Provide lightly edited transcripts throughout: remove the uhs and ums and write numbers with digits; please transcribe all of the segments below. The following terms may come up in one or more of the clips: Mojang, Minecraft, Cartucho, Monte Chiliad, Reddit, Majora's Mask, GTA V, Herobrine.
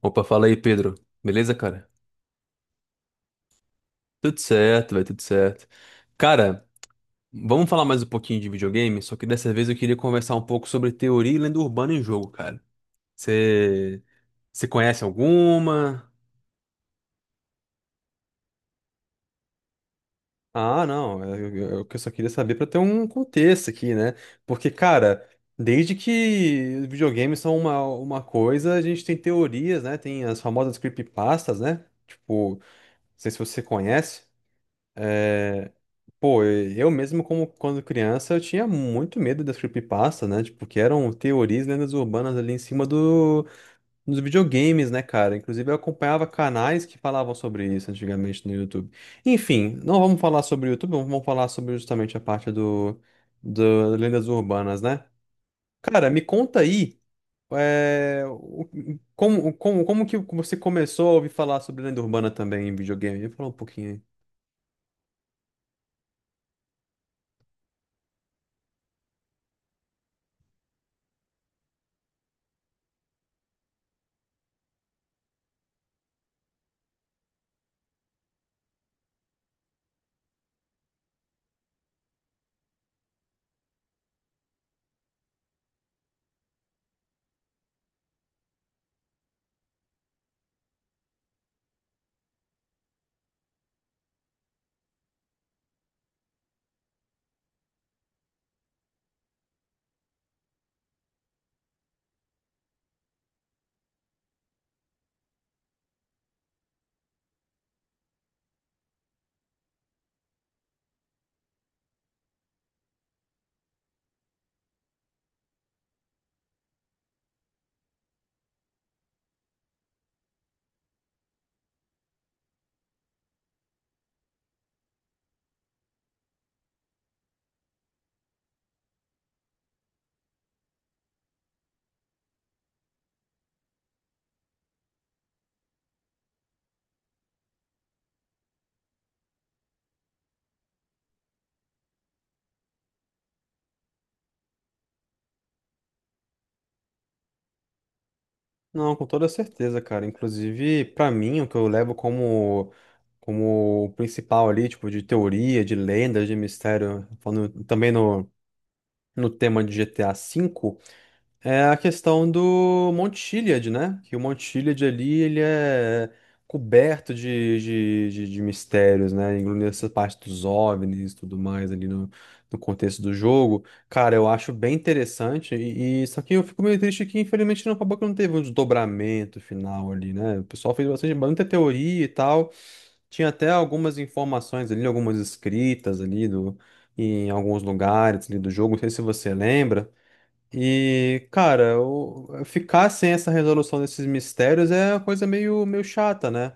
Opa, fala aí, Pedro. Beleza, cara? Tudo certo, vai tudo certo. Cara, vamos falar mais um pouquinho de videogame, só que dessa vez eu queria conversar um pouco sobre teoria e lenda urbana em jogo, cara. Você você conhece alguma? Ah, não, eu só queria saber pra ter um contexto aqui, né? Porque, cara, desde que os videogames são uma coisa, a gente tem teorias, né? Tem as famosas creepypastas, né? Tipo, não sei se você conhece. É, pô, eu mesmo, como quando criança, eu tinha muito medo das creepypasta, né? Tipo, que eram teorias, lendas urbanas ali em cima dos videogames, né, cara? Inclusive, eu acompanhava canais que falavam sobre isso antigamente no YouTube. Enfim, não vamos falar sobre o YouTube, vamos falar sobre justamente a parte do lendas urbanas, né? Cara, me conta aí, é, o- como que você começou a ouvir falar sobre lenda urbana também em videogame? Me fala um pouquinho aí. Não, com toda certeza, cara. Inclusive, pra mim, o que eu levo como principal ali, tipo, de teoria, de lendas, de mistério, falando também no tema de GTA V, é a questão do Monte Chiliad, né? Que o Monte Chiliad ali, ele é coberto de mistérios, né? Incluindo essa parte dos OVNIs e tudo mais ali no contexto do jogo. Cara, eu acho bem interessante. Só que eu fico meio triste que, infelizmente, não acabou que não teve um desdobramento final ali, né? O pessoal fez bastante, muita teoria e tal. Tinha até algumas informações ali, algumas escritas ali em alguns lugares ali do jogo. Não sei se você lembra. E, cara, ficar sem essa resolução desses mistérios é uma coisa meio chata, né?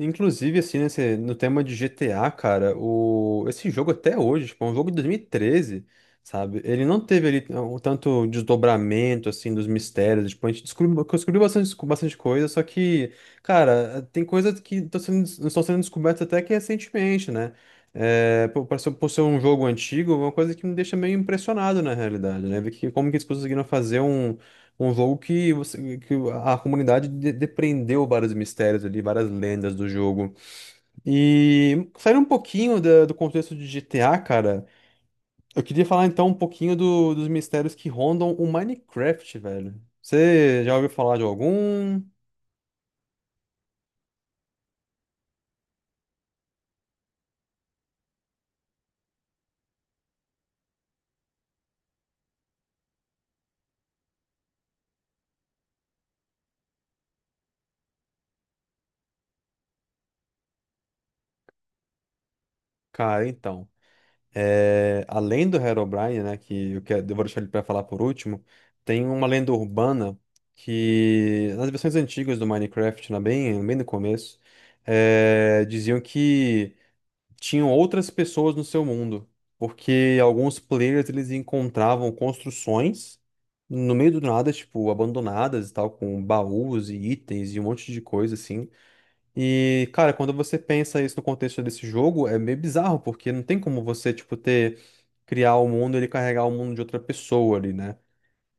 Inclusive, assim, no tema de GTA, cara, esse jogo até hoje, tipo, é um jogo de 2013, sabe? Ele não teve ali um tanto desdobramento, assim, dos mistérios. Tipo, a gente descobriu bastante, bastante coisa, só que, cara, tem coisas que estão sendo descobertas até que recentemente, né? É, por ser um jogo antigo, é uma coisa que me deixa meio impressionado, na realidade, né? Ver que, como que eles conseguiram fazer um jogo que, que a comunidade depreendeu vários mistérios ali, várias lendas do jogo. E saindo um pouquinho do contexto de GTA, cara, eu queria falar então um pouquinho dos mistérios que rondam o Minecraft, velho. Você já ouviu falar de algum? Cara, então. Além do Herobrine, né, eu vou deixar ele pra falar por último, tem uma lenda urbana que nas versões antigas do Minecraft, né, bem no começo, diziam que tinham outras pessoas no seu mundo, porque alguns players eles encontravam construções no meio do nada, tipo, abandonadas e tal, com baús e itens e um monte de coisa assim. E, cara, quando você pensa isso no contexto desse jogo, é meio bizarro, porque não tem como você, tipo, ter criar o mundo e ele carregar o mundo de outra pessoa ali, né?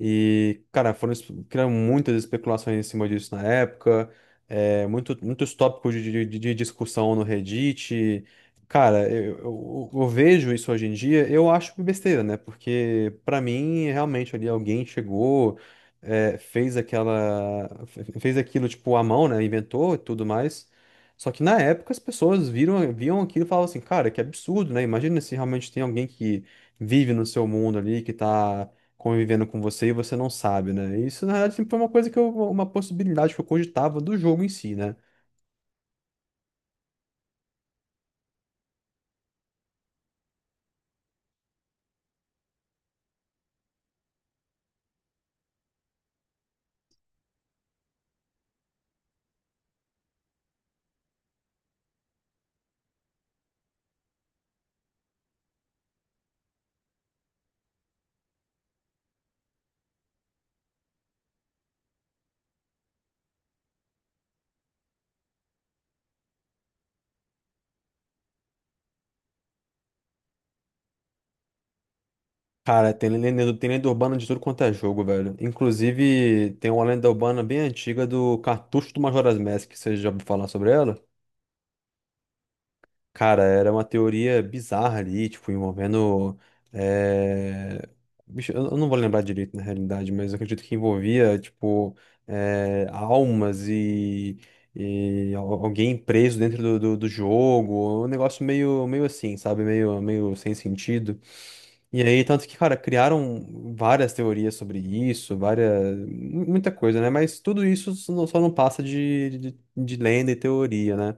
E, cara, criaram muitas especulações em cima disso na época, muitos tópicos de discussão no Reddit. Cara, eu vejo isso hoje em dia, eu acho besteira, né? Porque, pra mim, realmente ali alguém chegou, fez aquilo tipo à mão, né? Inventou e tudo mais. Só que na época as pessoas viam aquilo e falavam assim, cara, que absurdo, né? Imagina se realmente tem alguém que vive no seu mundo ali, que tá convivendo com você e você não sabe, né? Isso, na verdade, sempre foi uma coisa uma possibilidade que eu cogitava do jogo em si, né? Cara, tem lenda urbana de tudo quanto é jogo, velho. Inclusive, tem uma lenda urbana bem antiga do Cartucho do Majora's Mask, que você já ouviu falar sobre ela? Cara, era uma teoria bizarra ali, tipo, envolvendo. eh, bicho, eu não vou lembrar direito na realidade, mas eu acredito que envolvia, tipo, almas e, alguém preso dentro do jogo. Um negócio meio assim, sabe? Meio sem sentido. E aí, tanto que, cara, criaram várias teorias sobre isso, muita coisa, né? Mas tudo isso só não passa de lenda e teoria, né?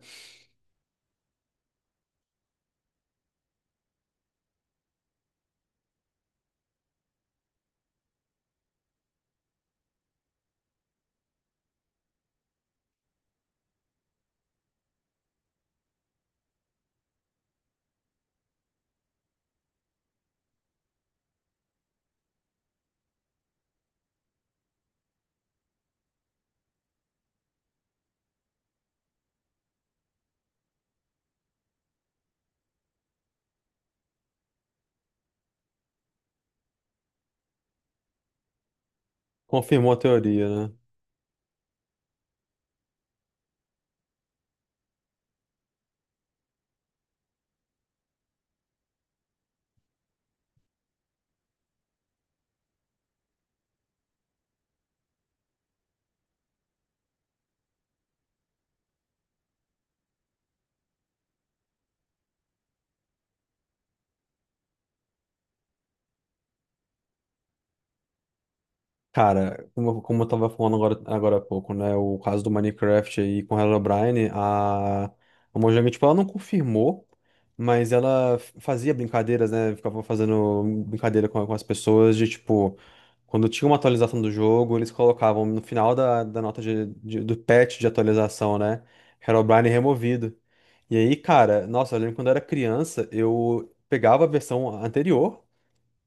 Confirmou a teoria, né? Cara, como eu tava falando agora há pouco, né? O caso do Minecraft aí com a Herobrine, a Mojang, tipo, ela não confirmou, mas fazia brincadeiras, né? Ficava fazendo brincadeira com as pessoas de, tipo, quando tinha uma atualização do jogo, eles colocavam no final da nota do patch de atualização, né? Herobrine removido. E aí, cara, nossa, eu lembro quando eu era criança, eu pegava a versão anterior.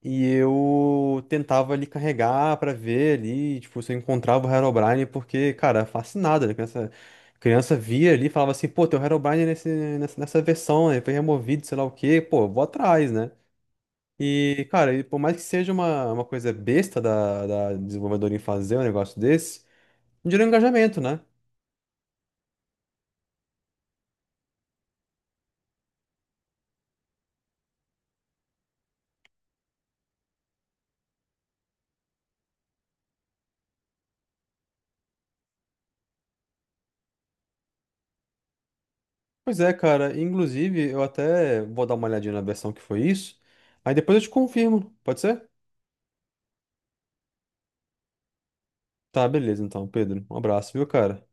E eu tentava ali carregar pra ver ali, tipo, se eu encontrava o Herobrine, porque, cara, fascinado, né? Criança, criança via ali e falava assim, pô, tem o Herobrine nessa versão, né? Foi removido, sei lá o quê, pô, vou atrás, né? E, cara, e por mais que seja uma coisa besta da desenvolvedora em fazer um negócio desse, gera um engajamento, né? Pois é, cara, inclusive eu até vou dar uma olhadinha na versão que foi isso, aí depois eu te confirmo, pode ser? Tá, beleza então, Pedro. Um abraço, viu, cara?